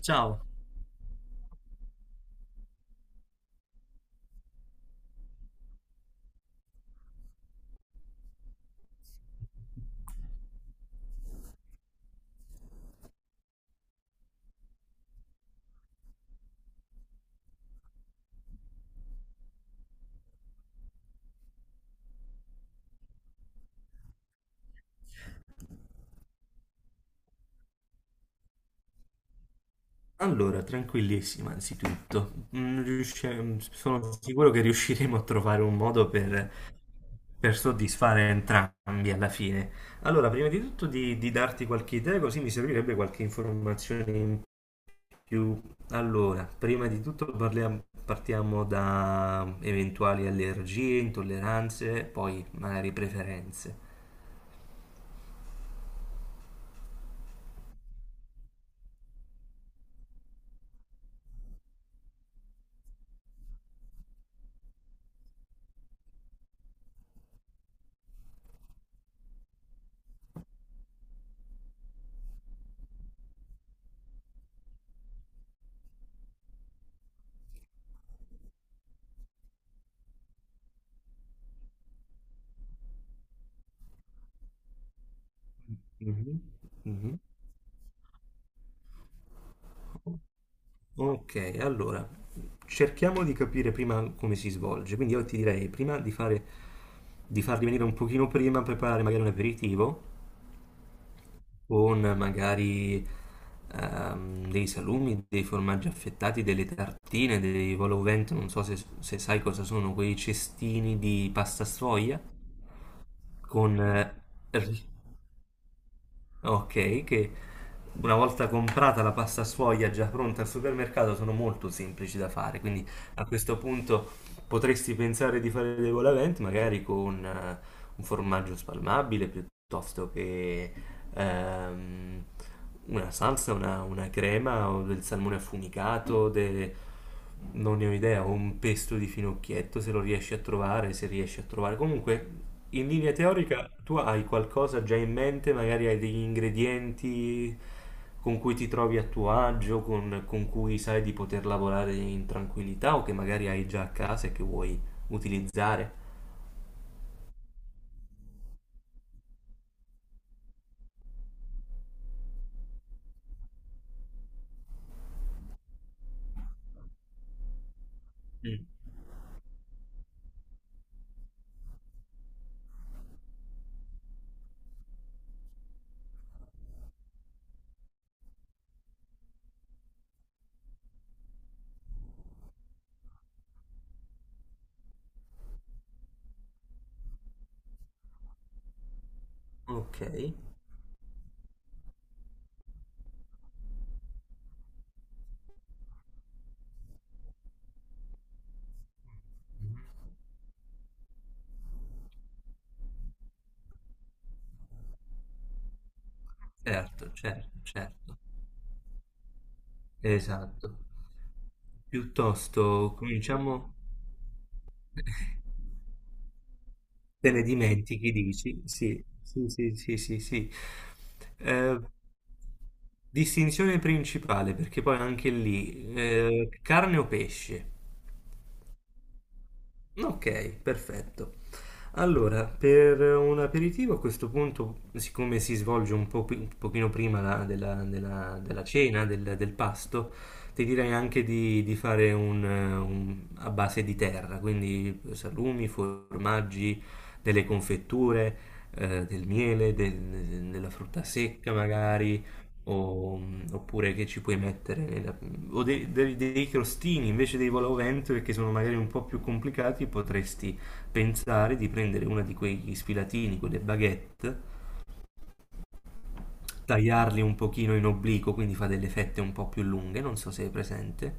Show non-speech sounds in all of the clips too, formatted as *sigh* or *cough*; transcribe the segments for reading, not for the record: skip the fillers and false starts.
Ciao. Allora, tranquillissima anzitutto. Sono sicuro che riusciremo a trovare un modo per soddisfare entrambi alla fine. Allora, prima di tutto di darti qualche idea, così mi servirebbe qualche informazione in più. Allora, prima di tutto partiamo da eventuali allergie, intolleranze, poi magari preferenze. Mhm, mhm. Ok, allora cerchiamo di capire prima come si svolge. Quindi io ti direi di farli venire un pochino prima, preparare magari un aperitivo con magari dei salumi, dei formaggi affettati, delle tartine, dei volo vento, non so se sai cosa sono, quei cestini di pasta sfoglia con... ri- ok, che una volta comprata la pasta sfoglia già pronta al supermercato sono molto semplici da fare, quindi a questo punto potresti pensare di fare dei volavent magari con un formaggio spalmabile piuttosto che ehm, una salsa, una crema o del salmone affumicato, non ne ho idea, o un pesto di finocchietto se lo riesci a trovare, se riesci a trovare. Comunque, in linea teorica, tu hai qualcosa già in mente, magari hai degli ingredienti con cui ti trovi a tuo agio, con cui sai di poter lavorare in tranquillità o che magari hai già a casa e che vuoi utilizzare. Mm. Ok, certo, certo, certo, esatto. Piuttosto cominciamo. *laughs* Te ne dimentichi, dici? Sì, sì, sì, sì, sì, sì. Eh, distinzione principale, perché poi anche lì, carne o pesce? Ok, perfetto. Allora, per un aperitivo a questo punto, siccome si svolge un pochino prima della cena, del pasto, ti direi anche di fare a base di terra, quindi salumi, formaggi, delle confetture, del miele, della frutta secca magari, o- oppure che ci puoi mettere nella o dei, dei crostini invece dei voloventure che sono magari un po' più complicati, potresti pensare di prendere una di quegli sfilatini, quelle baguette, tagliarli un pochino in obliquo, quindi fa delle fette un po' più lunghe, non so se è presente.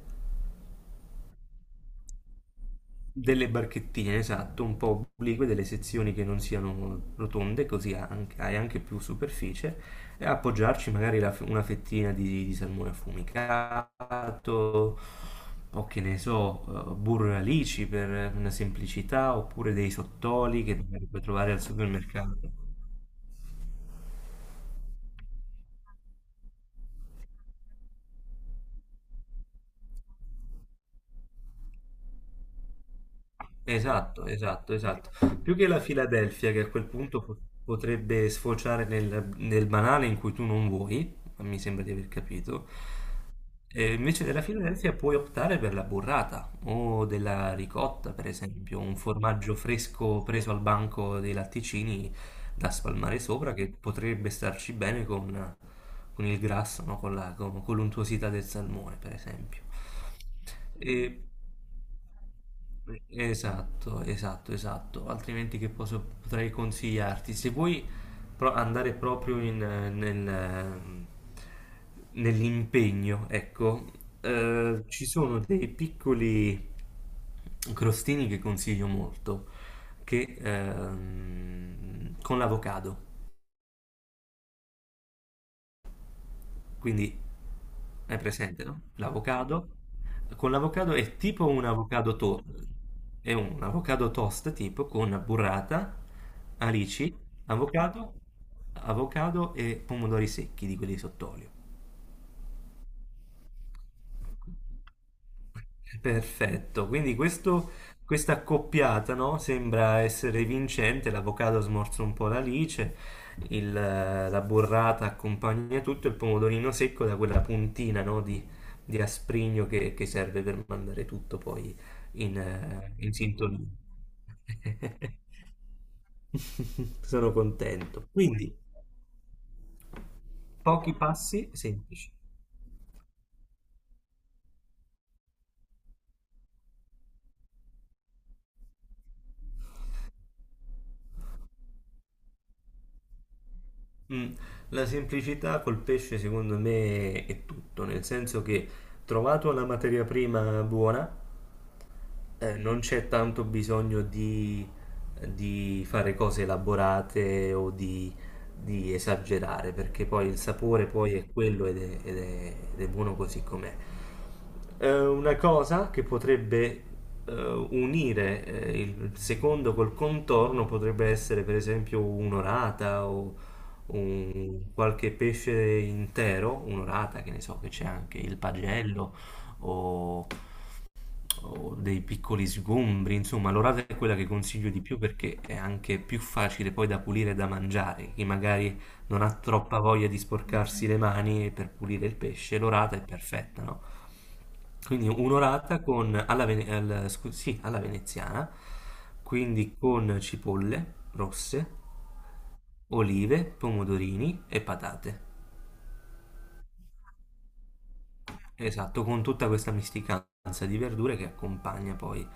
Delle barchettine, esatto, un po' oblique, delle sezioni che non siano rotonde, così hai anche più superficie, e appoggiarci magari una fettina di salmone affumicato, o che ne so, burro e alici per una semplicità, oppure dei sottoli che magari puoi trovare al supermercato. Esatto, esatto, esatto. Più che la Filadelfia, che a quel punto po- potrebbe sfociare nel banale in cui tu non vuoi, ma mi sembra di aver capito. E invece della Filadelfia puoi optare per la burrata o della ricotta, per esempio, un formaggio fresco preso al banco dei latticini da spalmare sopra che potrebbe starci bene con il grasso, no? Con con l'untuosità del salmone, per esempio. E Esatto, esatto, esatto. Altrimenti che posso, potrei consigliarti? Se vuoi andare proprio nell'impegno, ecco, ci sono dei piccoli crostini che consiglio molto, che con l'avocado. Quindi hai presente, no? L'avocado. Con l'avocado è tipo è un avocado toast tipo con burrata, alici, avocado, avocado e pomodori secchi di quelli sott'olio. Perfetto, quindi questa accoppiata, no, sembra essere vincente, l'avocado smorza un po' l'alice, la burrata accompagna tutto, il pomodorino secco da quella puntina, no, di asprigno che serve per mandare tutto poi in sintonia. *laughs* Sono contento. Quindi, pochi passi semplici. Mm. La semplicità col pesce secondo me è tutto, nel senso che trovato la materia prima buona, non c'è tanto bisogno di fare cose elaborate o di esagerare perché poi il sapore poi è quello ed è, ed è buono così com'è. Una cosa che potrebbe unire il secondo col contorno potrebbe essere per esempio un'orata o qualche pesce intero, un'orata che ne so che c'è anche il pagello o o dei piccoli sgombri, insomma, l'orata è quella che consiglio di più perché è anche più facile poi da pulire e da mangiare. Chi magari non ha troppa voglia di sporcarsi le mani per pulire il pesce, l'orata è perfetta, no? Quindi un'orata con, alla, vene- al- scu- sì, alla veneziana, quindi con cipolle rosse, olive, pomodorini e patate. Esatto, con tutta questa misticanza di verdure che accompagna poi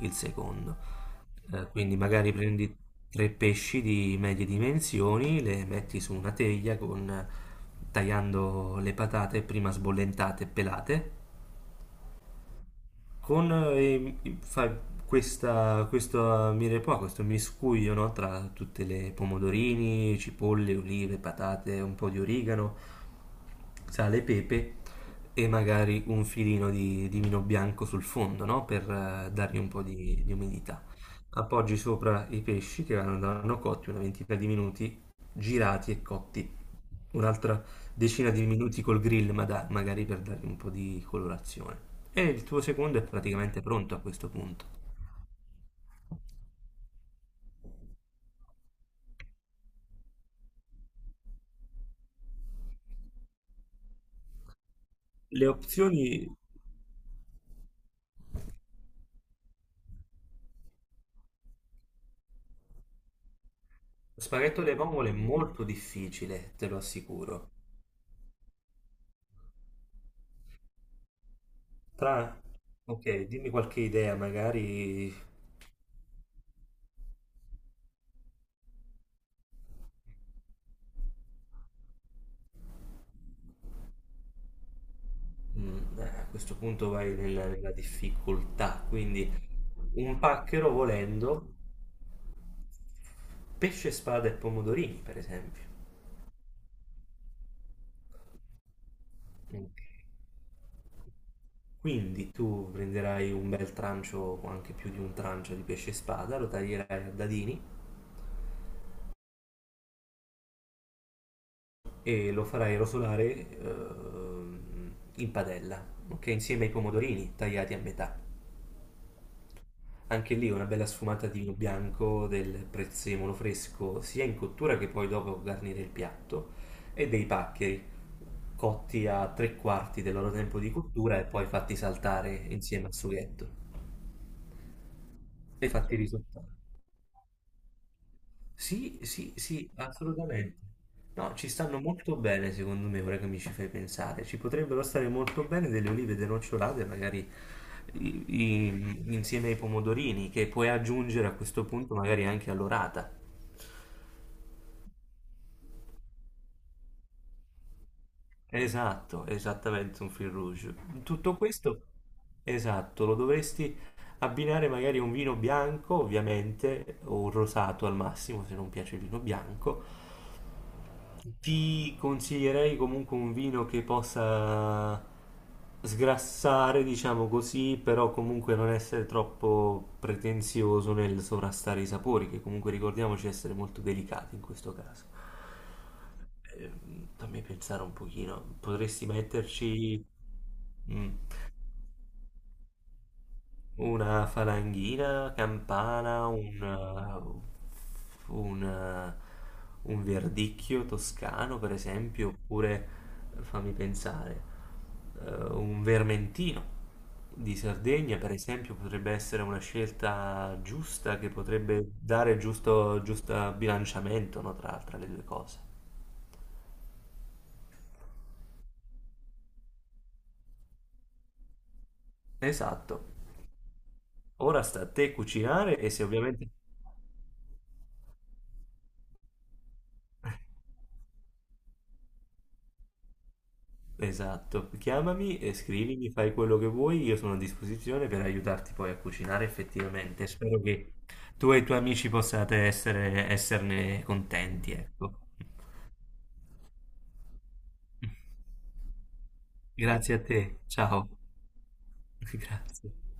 il secondo. Quindi magari prendi tre pesci di medie dimensioni, le metti su una teglia con, tagliando le patate prima sbollentate e pelate con fa questa, questo, mire qua, questo miscuglio, no, tra tutte le pomodorini, cipolle, olive, patate, un po' di origano, sale e pepe e magari un filino di vino bianco sul fondo, no, per dargli un po' di umidità. Appoggi sopra i pesci vanno cotti una ventina di minuti, girati e cotti un'altra decina di minuti col grill, ma magari per dargli un po' di colorazione. E il tuo secondo è praticamente pronto a questo punto. Le opzioni spaghetto alle vongole è molto difficile, te lo assicuro. Tra... ok, dimmi qualche idea, magari a questo punto vai nella difficoltà, quindi un pacchero volendo, pesce, spada e pomodorini, per esempio. Ok. Quindi tu prenderai un bel trancio, o anche più di un trancio di pesce spada, lo taglierai a dadini e lo farai rosolare in padella, ok? Insieme ai pomodorini tagliati a metà. Anche lì una bella sfumata di vino bianco, del prezzemolo fresco, sia in cottura che poi dopo garnire il piatto, e dei paccheri cotti a tre quarti del loro tempo di cottura e poi fatti saltare insieme al sughetto e fatti risottare. Sì, sì, sì, assolutamente. No, ci stanno molto bene, secondo me, ora che mi ci fai pensare. Ci potrebbero stare molto bene delle olive denocciolate, magari i- insieme ai pomodorini, che puoi aggiungere a questo punto magari anche all'orata. Esatto, esattamente un fil rouge. Tutto questo, esatto, lo dovresti abbinare magari a un vino bianco, ovviamente, o un rosato al massimo, se non piace il vino bianco. Ti consiglierei comunque un vino che possa sgrassare, diciamo così, però comunque non essere troppo pretenzioso nel sovrastare i sapori, che comunque ricordiamoci essere molto delicati in questo caso. Fammi pensare un pochino, potresti metterci... mm. Una falanghina, campana, un verdicchio toscano, per esempio, oppure, fammi pensare, un vermentino di Sardegna, per esempio, potrebbe essere una scelta giusta che potrebbe dare giusto, giusto bilanciamento, no, tra, tra le due cose. Esatto. Ora sta a te cucinare e se ovviamente... esatto, chiamami e scrivimi, fai quello che vuoi, io sono a disposizione per aiutarti poi a cucinare effettivamente. Spero che tu e i tuoi amici esserne contenti, ecco. *laughs* Grazie a te, ciao. *laughs* Grazie.